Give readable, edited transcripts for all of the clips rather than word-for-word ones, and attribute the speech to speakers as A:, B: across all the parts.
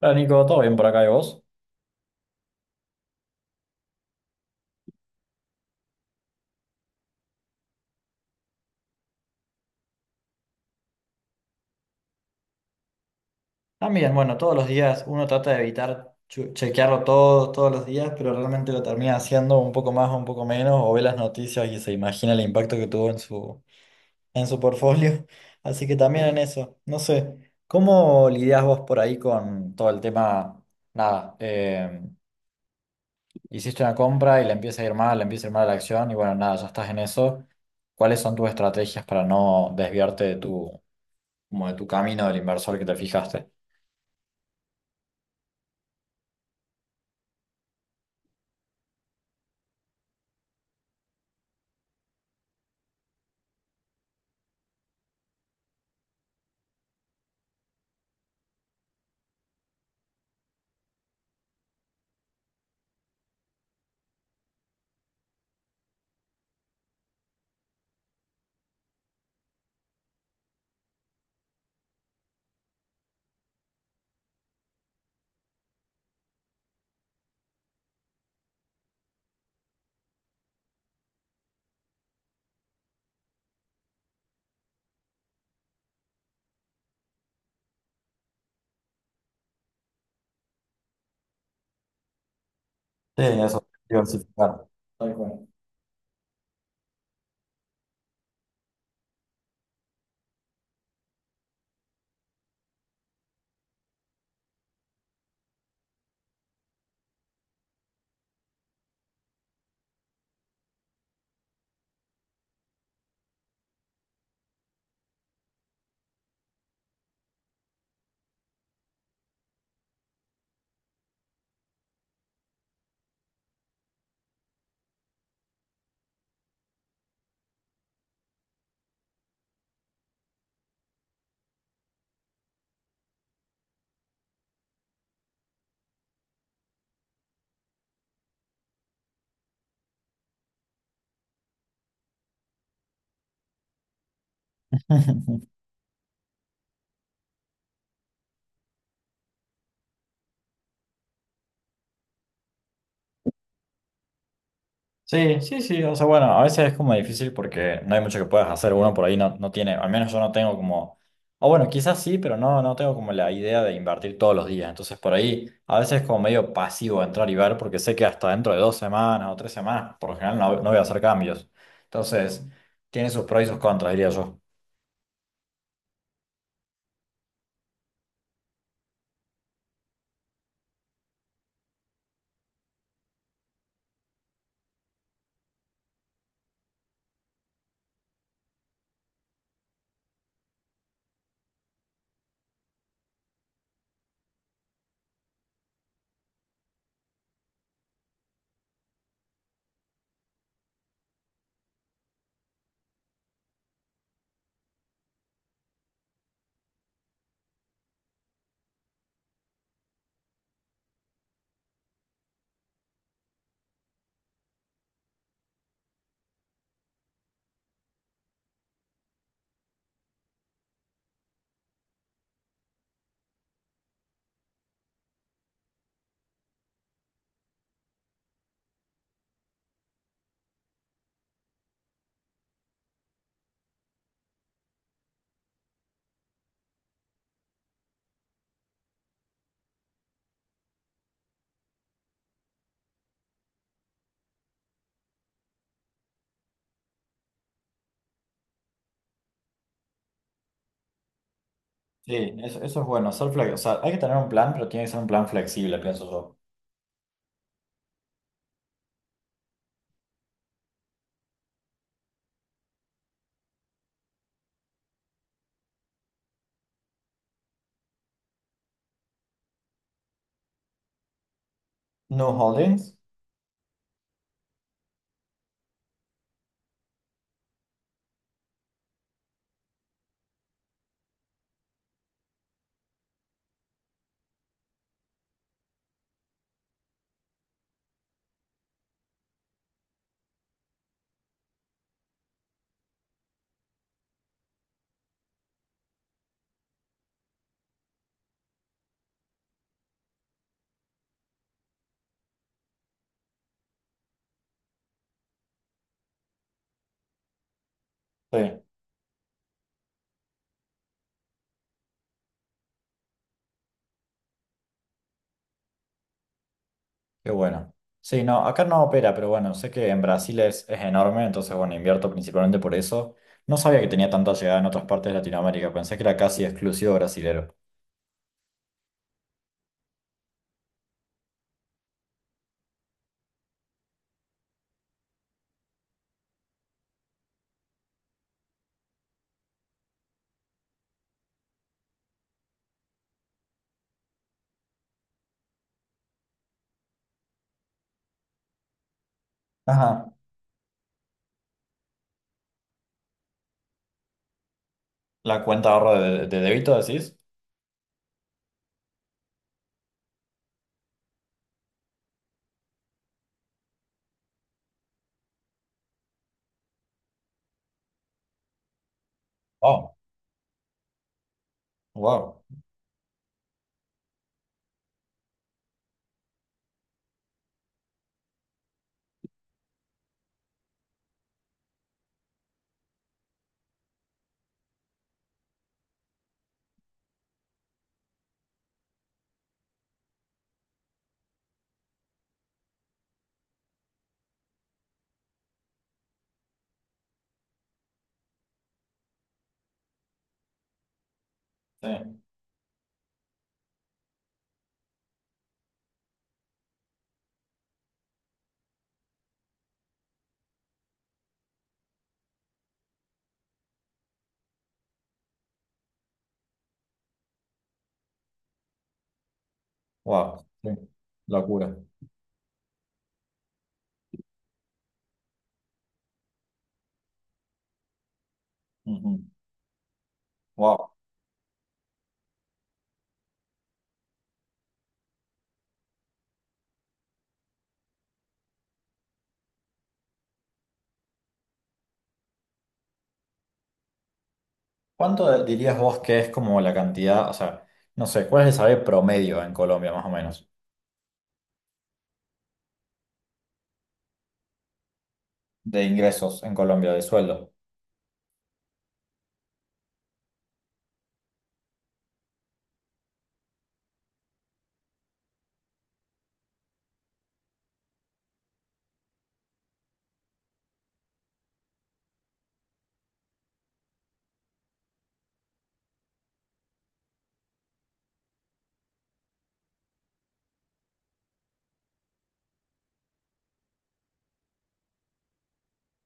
A: Hola Nico, ¿todo bien por acá de vos? También, bueno, todos los días uno trata de evitar chequearlo todo, todos los días, pero realmente lo termina haciendo un poco más o un poco menos, o ve las noticias y se imagina el impacto que tuvo en en su portfolio. Así que también en eso, no sé, ¿cómo lidias vos por ahí con todo el tema? Nada, hiciste una compra y le empieza a ir mal, le empieza a ir mal la acción y bueno, nada, ya estás en eso. ¿Cuáles son tus estrategias para no desviarte de como de tu camino del inversor que te fijaste? Sí, eso, diversificar. Tal cual. Sí, sí, sí, o sea, bueno, a veces es como difícil porque no hay mucho que puedas hacer, uno por ahí no tiene, al menos yo no tengo como, o bueno, quizás sí, pero no tengo como la idea de invertir todos los días, entonces por ahí a veces es como medio pasivo entrar y ver porque sé que hasta dentro de 2 semanas o 3 semanas, por lo general no voy a hacer cambios, entonces tiene sus pros y sus contras, diría yo. Sí, eso es bueno, ser flexible, o sea, hay que tener un plan, pero tiene que ser un plan flexible, pienso yo. ¿No holdings? Sí. Qué bueno. Sí, no, acá no opera, pero bueno, sé que en Brasil es enorme, entonces bueno, invierto principalmente por eso. No sabía que tenía tanta llegada en otras partes de Latinoamérica, pensé que era casi exclusivo brasilero. Ajá. ¿La cuenta de ahorro de débito decís? Wow, wow, sí, wow, sí, locura. Ujú. Wow. ¿Cuánto dirías vos que es como la cantidad, o sea, no sé, cuál es el salario promedio en Colombia más o menos, de ingresos en Colombia, de sueldo?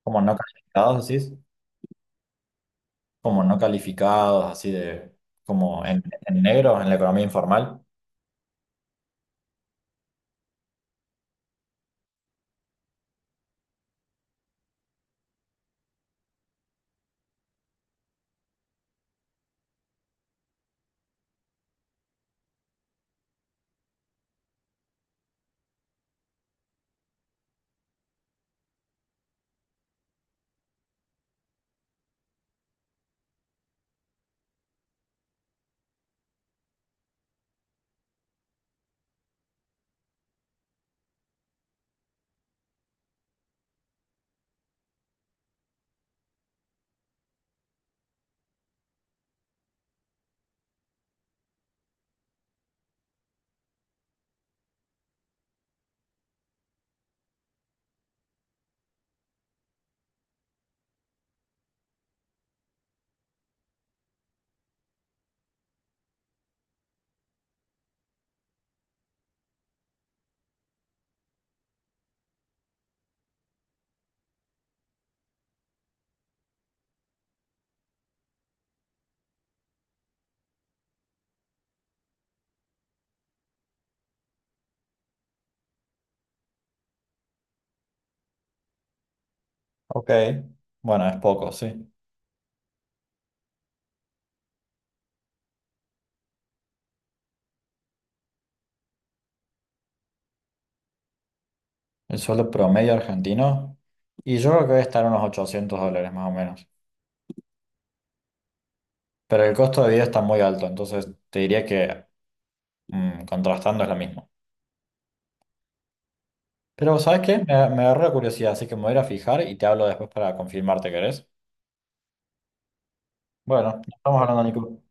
A: ¿Como no calificados decís? Como no calificados, así de como en negro, en la economía informal. Ok, bueno, es poco, sí. El sueldo promedio argentino, y yo creo que debe estar en unos $800 más o menos. Pero el costo de vida está muy alto, entonces te diría que mm, contrastando es lo mismo. Pero ¿sabes qué? Me agarró la curiosidad, así que me voy a ir a fijar y te hablo después para confirmarte, ¿querés? Bueno, estamos hablando, Nico.